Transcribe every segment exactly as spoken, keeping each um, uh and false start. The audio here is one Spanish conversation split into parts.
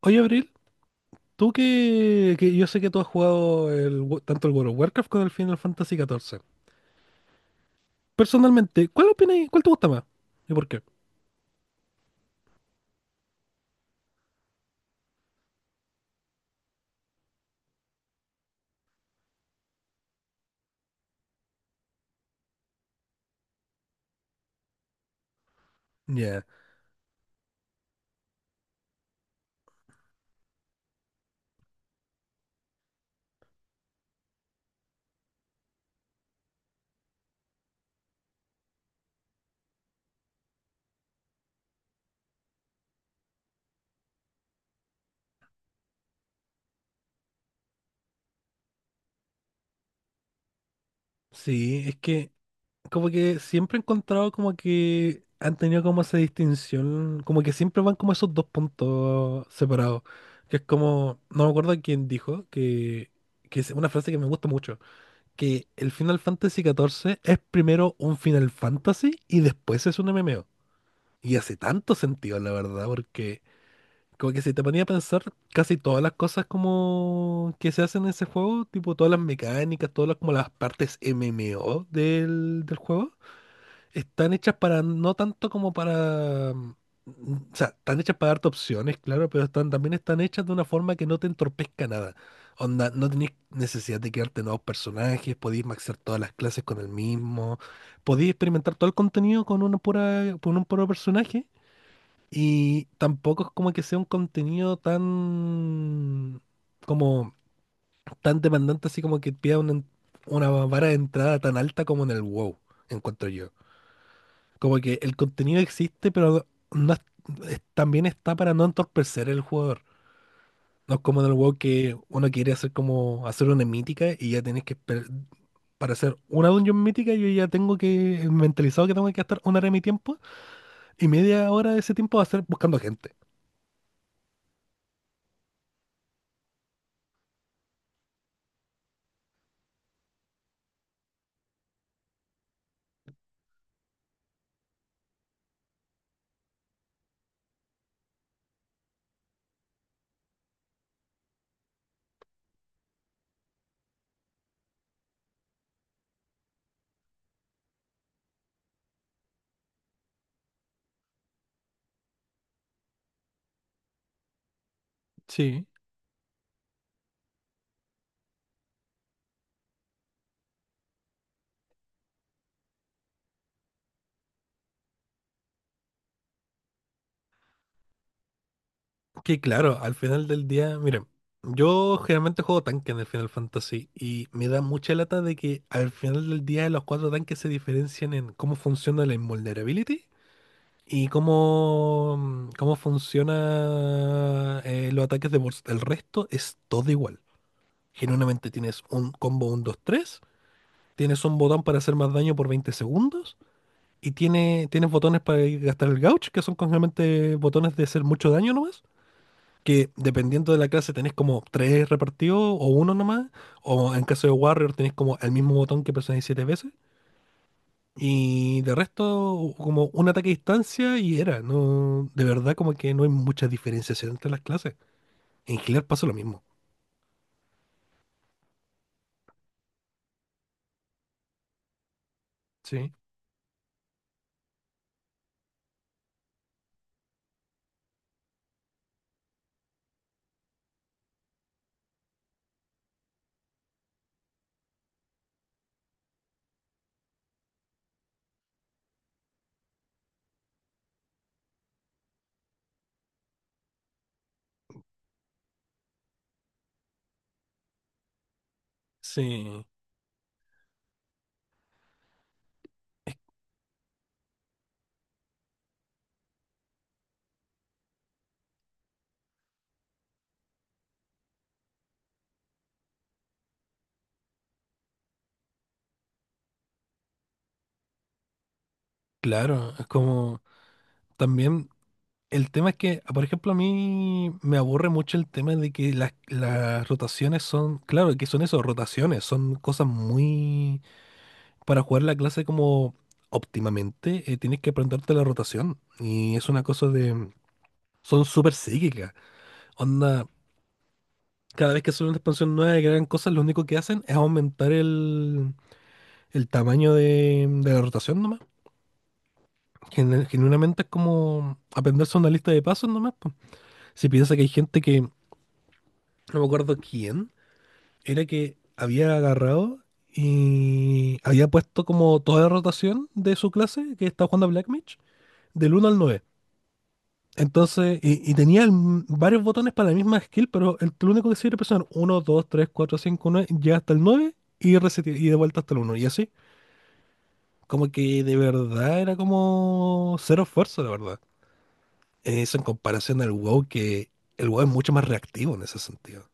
Oye, Abril, tú que, que yo sé que tú has jugado el wo- tanto el World of Warcraft como el Final Fantasy catorce. Personalmente, ¿cuál opinas? ¿Y cuál te gusta más? ¿Y por qué? Ya. Sí, es que como que siempre he encontrado como que han tenido como esa distinción, como que siempre van como esos dos puntos separados, que es como, no me acuerdo quién dijo, que, que es una frase que me gusta mucho, que el Final Fantasy catorce es primero un Final Fantasy y después es un M M O. Y hace tanto sentido, la verdad, porque como que si te ponía a pensar casi todas las cosas como que se hacen en ese juego, tipo todas las mecánicas, todas las, como las partes M M O del, del juego, están hechas para, no tanto como para, mm, o sea, están hechas para darte opciones, claro, pero están, también están hechas de una forma que no te entorpezca nada. Onda, no tenés necesidad de crearte nuevos personajes, podéis maxear todas las clases con el mismo, podéis experimentar todo el contenido con una pura, con un puro personaje. Y tampoco es como que sea un contenido tan como tan demandante, así como que pida una, en- una vara de entrada tan alta como en el WoW, encuentro yo. Como que el contenido existe, pero no es- es- también está para no entorpecer el jugador. No es como en el WoW que uno quiere hacer como hacer una mítica y ya tienes que esper- para hacer una dungeon mítica, yo ya tengo que mentalizado que tengo que gastar una hora de mi tiempo y media hora de ese tiempo va a ser buscando gente. Sí. Que claro, al final del día, miren, yo generalmente juego tanque en el Final Fantasy y me da mucha lata de que al final del día los cuatro tanques se diferencian en cómo funciona la invulnerability y cómo, cómo funciona eh, los ataques de burst. El resto es todo igual. Genuinamente tienes un combo uno, dos tres, tienes un botón para hacer más daño por veinte segundos y tiene, tienes botones para gastar el gauge, que son generalmente botones de hacer mucho daño nomás, que dependiendo de la clase tenés como tres repartidos o uno nomás, o en caso de Warrior tenés como el mismo botón que presionáis siete veces, y de resto como un ataque a distancia y era, no, de verdad como que no hay mucha diferenciación entre las clases. En Healer pasa lo mismo. Sí, sí, es claro, es como también... El tema es que, por ejemplo, a mí me aburre mucho el tema de que las, las rotaciones son, claro, que son eso, rotaciones, son cosas muy para jugar la clase como óptimamente, eh, tienes que aprenderte la rotación. Y es una cosa de... Son súper psíquicas. Onda, cada vez que sale una expansión nueva y que hagan cosas, lo único que hacen es aumentar el, el tamaño de, de la rotación nomás. Genu- Genuinamente es como aprenderse una lista de pasos nomás, po. Si piensas que hay gente que, no me acuerdo quién, era que había agarrado y había puesto como toda la rotación de su clase que estaba jugando a Black Mage, del uno al nueve. Entonces, y, y tenía el varios botones para la misma skill, pero el, lo único que sirve presionar uno, dos, tres, cuatro, cinco, nueve, llega hasta el nueve y, reseti- y de vuelta hasta el uno. Y así, como que de verdad era como cero esfuerzo, la verdad. Eso en comparación al WoW, que el WoW es mucho más reactivo en ese sentido.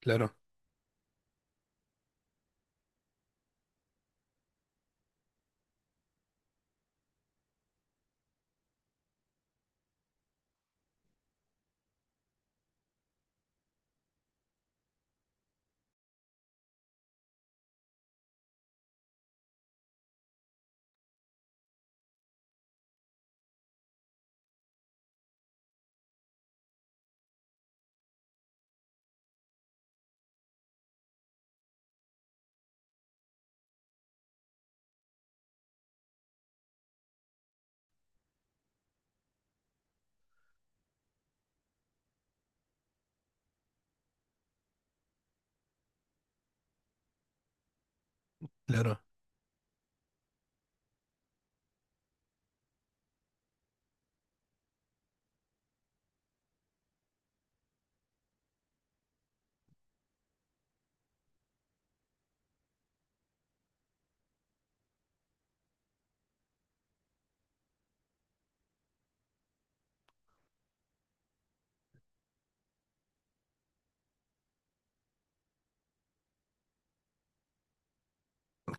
Claro. Claro,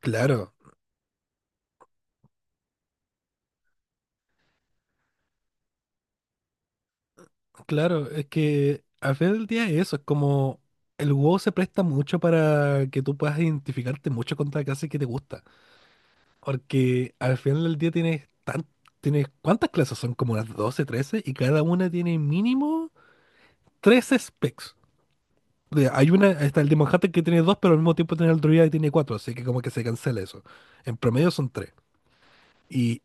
claro, claro. Es que al final del día eso, es como el WoW se presta mucho para que tú puedas identificarte mucho contra la clase que te gusta. Porque al final del día tienes tan, tienes ¿cuántas clases son? Como las doce trece y cada una tiene mínimo tres specs. O sea, hay una, está el Demon Hunter que tiene dos, pero al mismo tiempo tiene el Druida que tiene cuatro, así que como que se cancela eso. En promedio son tres. Y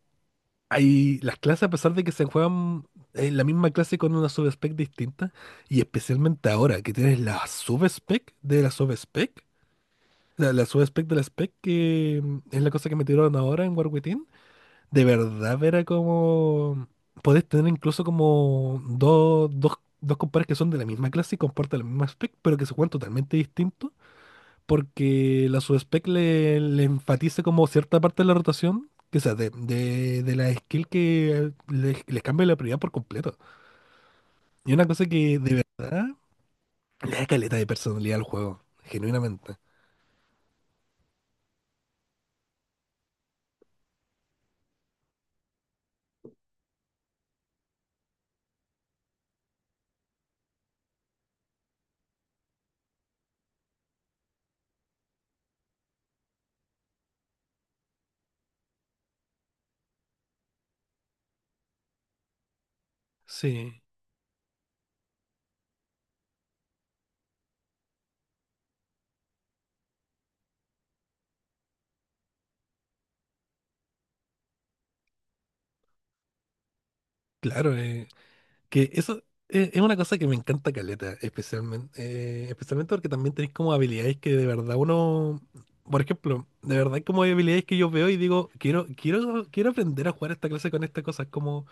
hay las clases, a pesar de que se juegan en la misma clase con una subspec distinta, y especialmente ahora que tienes la subspec de la subspec, la, la subspec de la spec, que mm, es la cosa que me tiraron ahora en War Within. De verdad, era como... Podés tener incluso como dos, dos, dos compadres que son de la misma clase y comparten la misma spec, pero que se juegan totalmente distintos, porque la subspec le, le enfatiza como cierta parte de la rotación, que sea, de, de, de la skill que les, les cambia la prioridad por completo. Y una cosa que de verdad le da caleta de personalidad al juego, genuinamente. Sí, claro, eh, Que eso es, es una cosa que me encanta caleta, especialmente, eh, especialmente porque también tenéis como habilidades que de verdad uno, por ejemplo, de verdad hay como habilidades que yo veo y digo, quiero, quiero, quiero aprender a jugar esta clase con estas cosas, como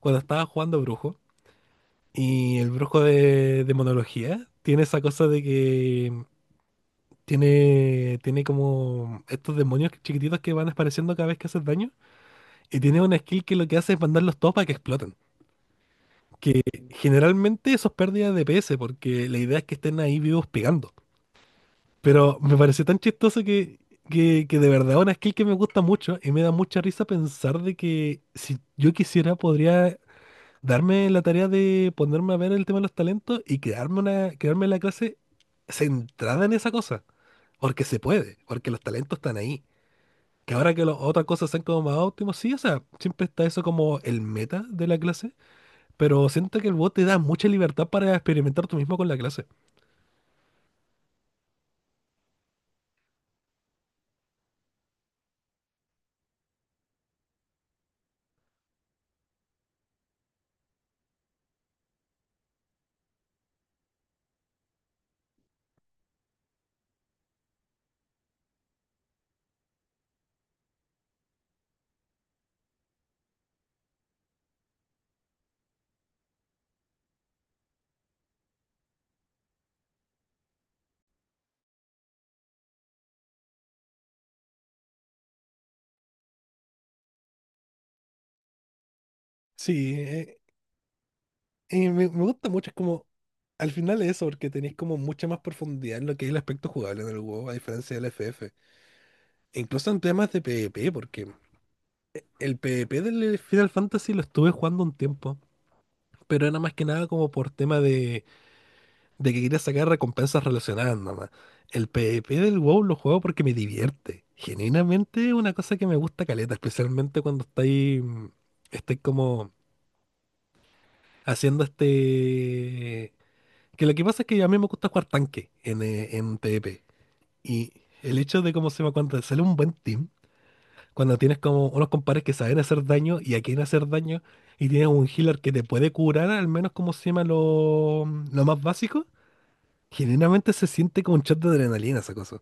cuando estaba jugando brujo y el brujo de, de monología tiene esa cosa de que tiene, tiene como estos demonios chiquititos que van apareciendo cada vez que haces daño y tiene una skill que lo que hace es mandarlos todos para que exploten. Que generalmente eso es pérdida de P S, porque la idea es que estén ahí vivos pegando. Pero me pareció tan chistoso que, que, que de verdad una skill que me gusta mucho y me da mucha risa pensar de que si yo quisiera podría darme la tarea de ponerme a ver el tema de los talentos y crearme una, crearme la clase centrada en esa cosa. Porque se puede, porque los talentos están ahí. Que ahora que las otras cosas sean como más óptimos, sí, o sea, siempre está eso como el meta de la clase, pero siento que el bot te da mucha libertad para experimentar tú mismo con la clase. Sí, eh, y me, me gusta mucho, es como, al final es eso, porque tenéis como mucha más profundidad en lo que es el aspecto jugable en el WoW, a diferencia del F F. E incluso en temas de P v P, porque el P v P del Final Fantasy lo estuve jugando un tiempo, pero era más que nada como por tema de, de que quería sacar recompensas relacionadas nada más. El PvP del WoW lo juego porque me divierte. Genuinamente es una cosa que me gusta caleta, especialmente cuando estáis, mm, estáis como haciendo este... Que lo que pasa es que a mí me gusta jugar tanque en, eh, en P v P. Y el hecho de cómo se llama cuando te sale un buen team, cuando tienes como unos compares que saben hacer daño y a quién hacer daño, y tienes un healer que te puede curar, al menos como se llama lo, lo más básico, generalmente se siente como un shot de adrenalina esa cosa.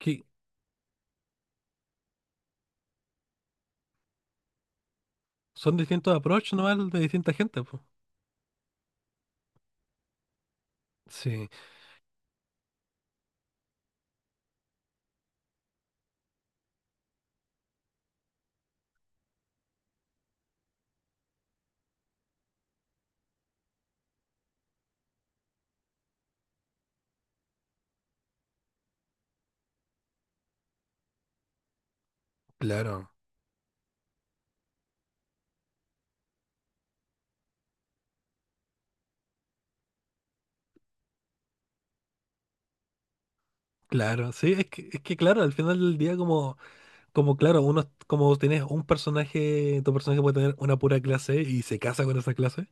Que son distintos approach nomás de distinta gente, pues. Sí, claro, claro. Sí, es que, es que claro, al final del día como... Como claro, uno, como tienes un personaje, tu personaje puede tener una pura clase y se casa con esa clase.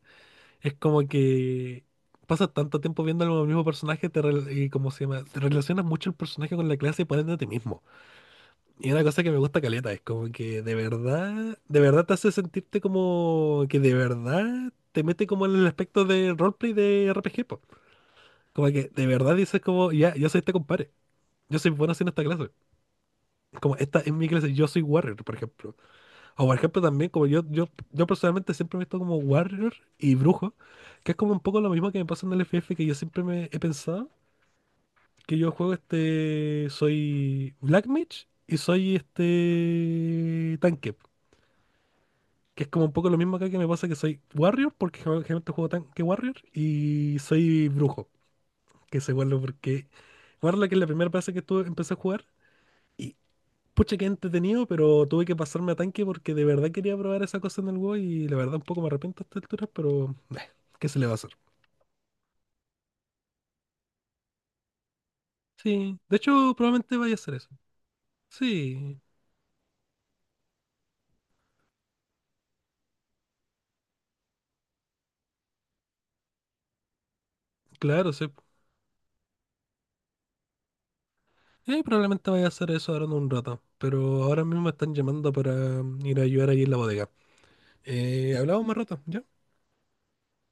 Es como que pasas tanto tiempo viendo al mismo personaje te rel- y como se llama, te relacionas mucho el personaje con la clase y pones de ti mismo. Y una cosa que me gusta caleta es como que de verdad, de verdad te hace sentirte como que de verdad te mete como en el aspecto de roleplay de R P G, po. Como que de verdad dices como, ya, yo soy este compadre. Yo soy bueno haciendo esta clase. Como esta es mi clase, yo soy Warrior, por ejemplo. O por ejemplo también, como yo, yo, yo personalmente siempre me he visto como Warrior y Brujo, que es como un poco lo mismo que me pasa en el F F, que yo siempre me he pensado que yo juego este, soy Black Mage y soy este tanque, que es como un poco lo mismo acá que me pasa que soy Warrior, porque gen- generalmente juego tanque Warrior, y soy Brujo, que se vuelve porque Warlock es la primera clase que tú empecé a jugar. Y pucha, qué entretenido, pero tuve que pasarme a tanque porque de verdad quería probar esa cosa en el WoW y la verdad un poco me arrepiento a esta altura, pero eh, ¿qué se le va a hacer? Sí, de hecho probablemente vaya a hacer eso. Sí, claro, sí. Eh, probablemente vaya a hacer eso ahora en un rato, pero ahora mismo me están llamando para mm, ir a ayudar ahí en la bodega. Eh, hablamos más rato, ¿ya?